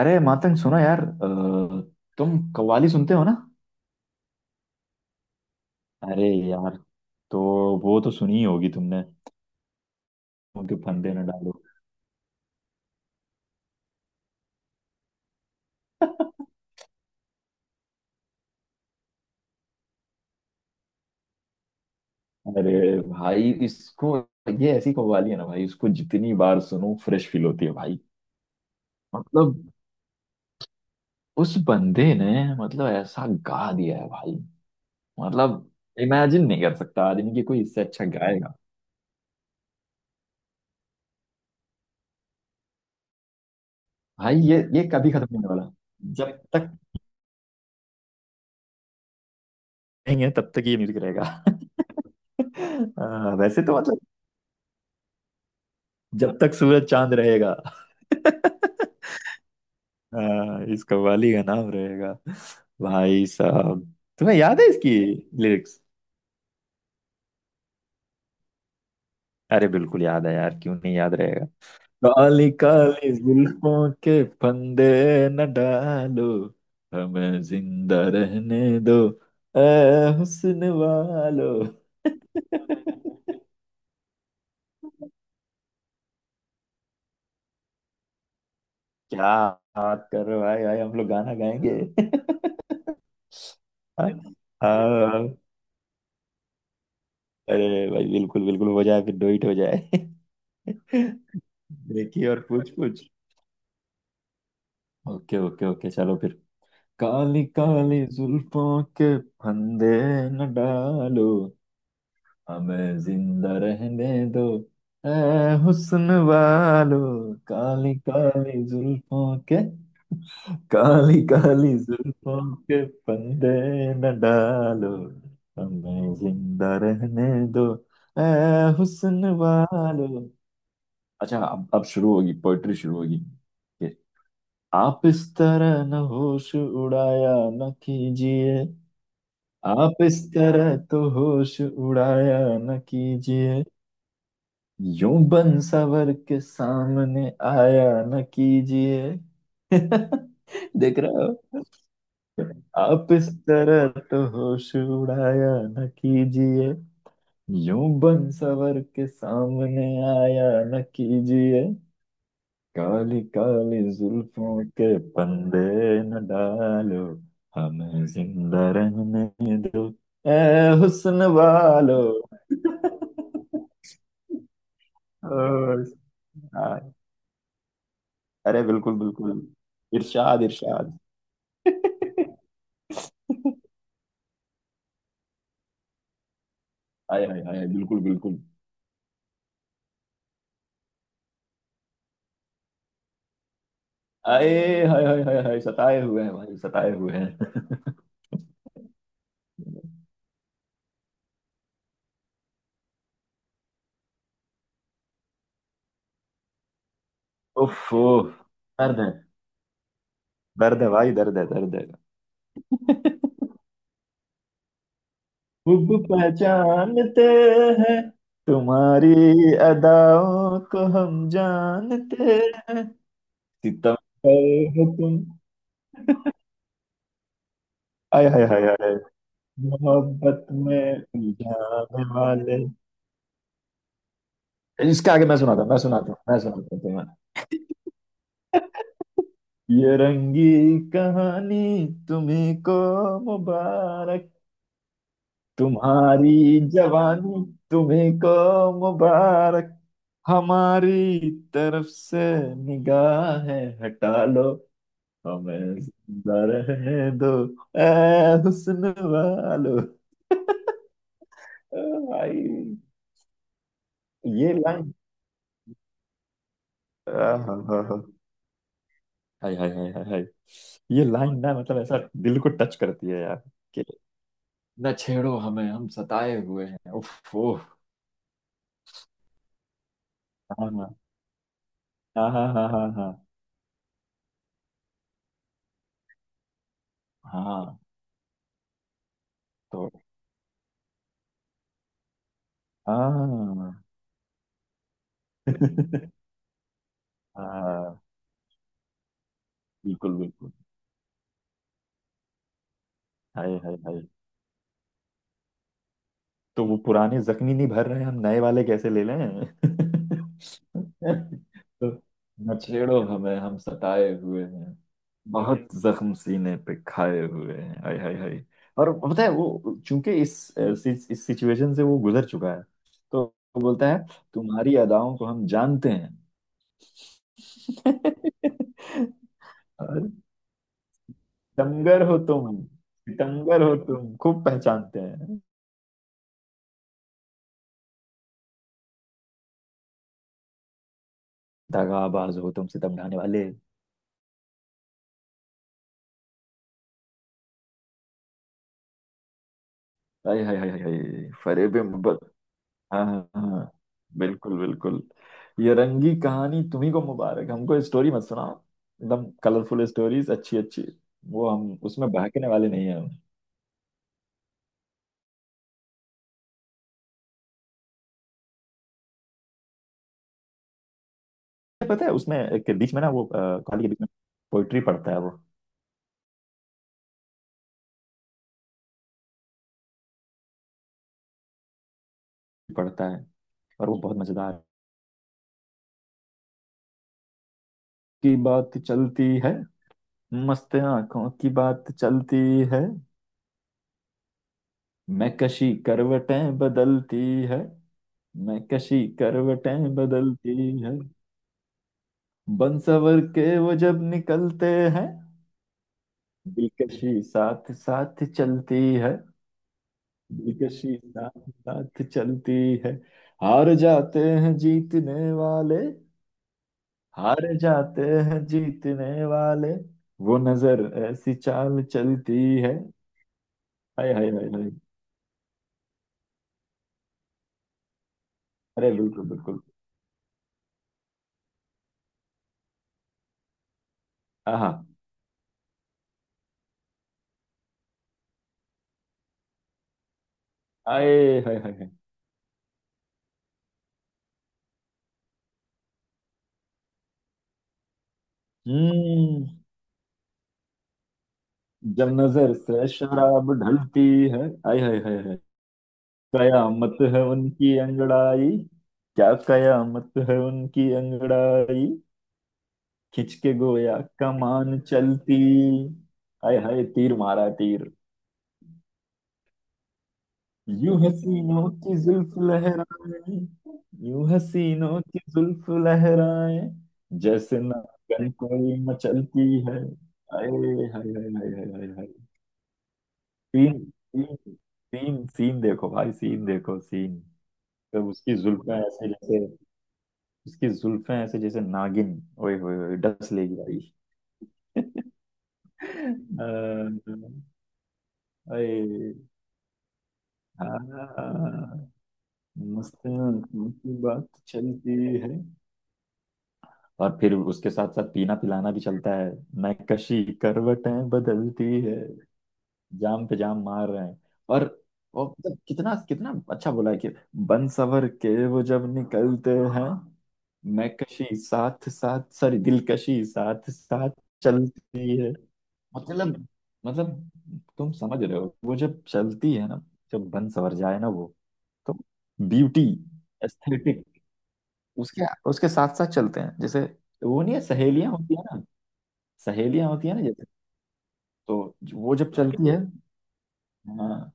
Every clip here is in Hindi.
अरे मातंग सुनो यार तुम कव्वाली सुनते हो ना। अरे यार, तो वो तो सुनी ही होगी तुमने। उनके फंदे न डालो। अरे भाई इसको, ये ऐसी कव्वाली है ना भाई, इसको जितनी बार सुनो फ्रेश फील होती है भाई। मतलब उस बंदे ने मतलब ऐसा गा दिया है भाई। मतलब इमेजिन नहीं कर सकता आदमी कि कोई इससे अच्छा गाएगा। भाई ये कभी खत्म नहीं होने वाला। जब तक नहीं है तब तक ये म्यूजिक रहेगा। वैसे तो मतलब जब तक सूरज चांद रहेगा, हाँ इस कव्वाली का नाम रहेगा। भाई साहब, तुम्हें याद है इसकी लिरिक्स? अरे बिल्कुल याद है यार, क्यों नहीं याद रहेगा। काली काली जुल्फों के फंदे न डालो, हमें जिंदा रहने दो, ए हुस्न वालो। क्या बात कर रहे हो भाई, भाई हम लोग गाना गाएंगे? हाँ, हाँ, अरे भाई बिल्कुल बिल्कुल हो जाए, फिर डोइट हो जाए। देखिए और पूछ पूछ, ओके ओके ओके चलो फिर। काली काली जुल्फों के फंदे न डालो, हमें जिंदा रहने दो, ए हुस्न वालो। काली काली जुल्फों के, काली काली जुल्फों के फंदे न डालो, हमें जिंदा रहने दो, ए हुस्न वालो। अच्छा अब शुरू होगी, पोइट्री शुरू होगी। ये, आप इस तरह न होश उड़ाया न कीजिए। आप इस तरह तो होश उड़ाया न कीजिए, यूं बनसवर के सामने आया न कीजिए। देख रहे हो? आप इस तरह तो होश उड़ाया न कीजिए, यूं बनसवर के सामने आया न कीजिए। काली काली जुल्फों के फंदे न डालो, हमें जिंदा रहने दो, ए हुस्न वालो। ओ, आ, अरे बिल्कुल बिल्कुल। इरशाद इरशाद। हाय हाय हाय बिल्कुल बिल्कुल। आए हाय हाय हाय हाय, सताए हुए हैं भाई, सताए हुए हैं। उफ उफ, दर्द है, दर्द है भाई, दर्द है, दर्द है। खूब पहचानते हैं, तुम्हारी अदाओं को हम जानते हैं। सितम पर हो तुम। आय हाय हाय हाय, मोहब्बत में उलझाने वाले। इसका आगे मैं सुनाता हूँ, मैं सुनाता हूँ, मैं सुनाता हूँ तुम्हें। ये रंगी कहानी तुम्हें को मुबारक, तुम्हारी जवानी तुम्हें को मुबारक, हमारी तरफ से निगाहें हटा लो, हमें जिंदा रहने दो, ए हुस्न वालो। ओ भाई, ये लाइन। आह, हा, हा, हा। हाय हाय हाय हाय हाय। ये लाइन ना मतलब ऐसा दिल को टच करती है यार। न छेड़ो हमें हम सताए हुए हैं, उफ ओह। हाँ हाँ हाँ हाँ। हाँ हाँ हाँ। तो हाँ। हाँ, बिल्कुल बिल्कुल। हाय हाय हाय। तो वो पुराने जख्मी नहीं भर रहे हैं, हम नए वाले कैसे ले लें। तो न छेड़ो हमें हम सताए हुए हैं, बहुत जख्म सीने पे खाए हुए हैं, हाय हाय हाय। और पता है वो चूंकि इस सिचुएशन से वो गुजर चुका है, तो वो बोलता है, तुम्हारी अदाओं को हम जानते हैं। और सितमगर हो तुम, सितमगर हो तुम खूब पहचानते हैं, दगाबाज हो तुम, सितम ढाने वाले। हाय हाय हाय हाय, फरेब। हाँ हाँ हाँ, बिल्कुल बिल्कुल। ये रंगी कहानी तुम्ही को मुबारक, हमको स्टोरी मत सुनाओ। एकदम कलरफुल स्टोरीज, अच्छी अच्छी। वो हम उसमें बहकने वाले नहीं है हम। पता है उसमें एक बीच में ना वो कहानी के बीच में पोइट्री पढ़ता है वो, पढ़ता है, और वो बहुत मजेदार है। की बात चलती है, मस्त आंखों की बात चलती है। मैं कशी करवटें बदलती है, मैं कशी करवटें बदलती है। बनसवर के वो जब निकलते हैं, दिलकशी साथ साथ चलती है, दिलकशी साथ साथ चलती है। हार जाते हैं जीतने वाले, हार जाते हैं जीतने वाले, वो नजर ऐसी चाल चलती है। हाय हाय हाय हाय। अरे बिल्कुल बिल्कुल। आहा। आए हाय हाय हाय। हम्म। जब नजर से शराब ढलती है। आय हाय हाय हाय, कयामत है उनकी अंगड़ाई, क्या कयामत है उनकी अंगड़ाई, खिंच के गोया कमान चलती। हाय हाय, तीर मारा तीर। यूं हसीनों की जुल्फ लहराए, यूं हसीनों की जुल्फ लहराए, जैसे नागन कोई मचलती है। हाय हाय हाय। हाय हाय हाय। हाय सीन सीन, सीन सीन देखो भाई, सीन देखो सीन। तब उसकी जुल्फें ऐसे जैसे, उसकी जुल्फें ऐसे जैसे नागिन। ओए होए होए, डस लेगी भाई। अ, अरे हाँ। मुस्लिम की बात चलती है, और फिर उसके साथ साथ पीना पिलाना भी चलता है। नक्काशी करवटें बदलती है, जाम पे जाम मार रहे हैं। और और मतलब कितना कितना अच्छा बोला है कि बन सवर के वो जब निकलते हैं, मैं कशी साथ साथ, सॉरी, दिलकशी साथ साथ चलती है। मतलब, मतलब तुम समझ रहे हो, वो जब चलती है ना, जब बन सवर जाए ना वो, तो ब्यूटी, एस्थेटिक उसके, उसके साथ साथ चलते हैं, जैसे वो नहीं है सहेलियां होती है ना, सहेलियां होती है ना, जैसे तो जो- वो जब चलती है। हाँ,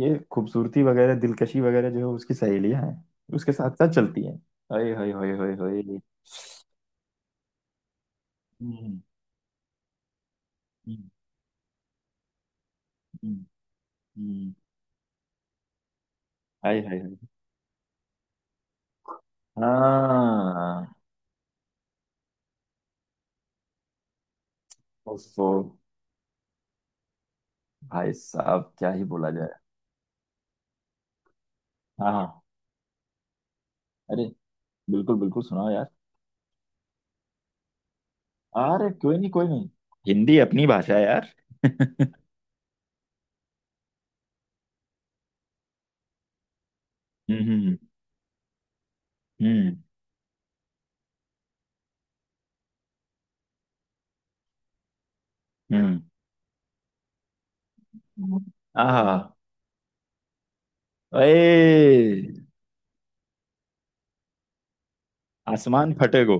ये खूबसूरती वगैरह दिलकशी वगैरह जो है उसकी सहेलियां हैं, उसके साथ साथ चलती हैं। हाय हाय हाय हाय हाय। हम्म। हम्म, हम्म, हम्म। हाय हाय हाय। हाँ। ओफो, भाई साहब क्या ही बोला जाए। हाँ हाँ, अरे बिल्कुल बिल्कुल सुनाओ यार। अरे कोई नहीं कोई नहीं, हिंदी अपनी भाषा है यार। हम्म। हम्म। हम्म। हम्म। आहा। ए आसमान फटेगो।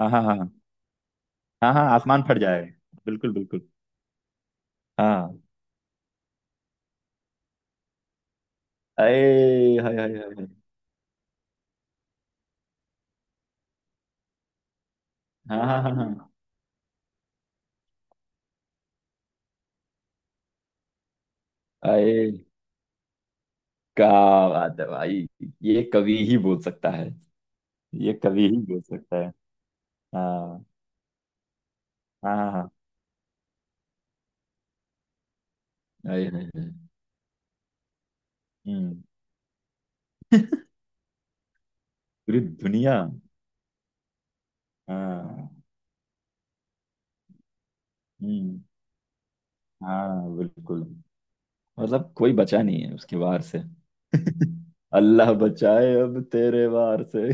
हाँ हाँ हाँ हाँ हाँ, आसमान फट जाएगा, बिल्कुल बिल्कुल। हाँ। ए हाय हाय हाय हाय। हाँ हाँ हाँ हाँ। ए, क्या बात है भाई, ये कवि ही बोल सकता है, ये कवि ही बोल सकता है। हाँ हाँ हाँ हाँ। आए हाय हाय। हम्म। पूरी दुनिया। हाँ। हम्म। हाँ बिल्कुल। मतलब कोई बचा नहीं है उसके वार से। अल्लाह बचाए अब तेरे वार से।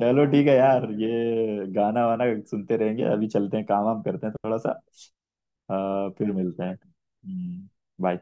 चलो ठीक है यार, ये गाना वाना सुनते रहेंगे, अभी चलते हैं, काम वाम करते हैं थोड़ा सा। फिर मिलते हैं। बाय।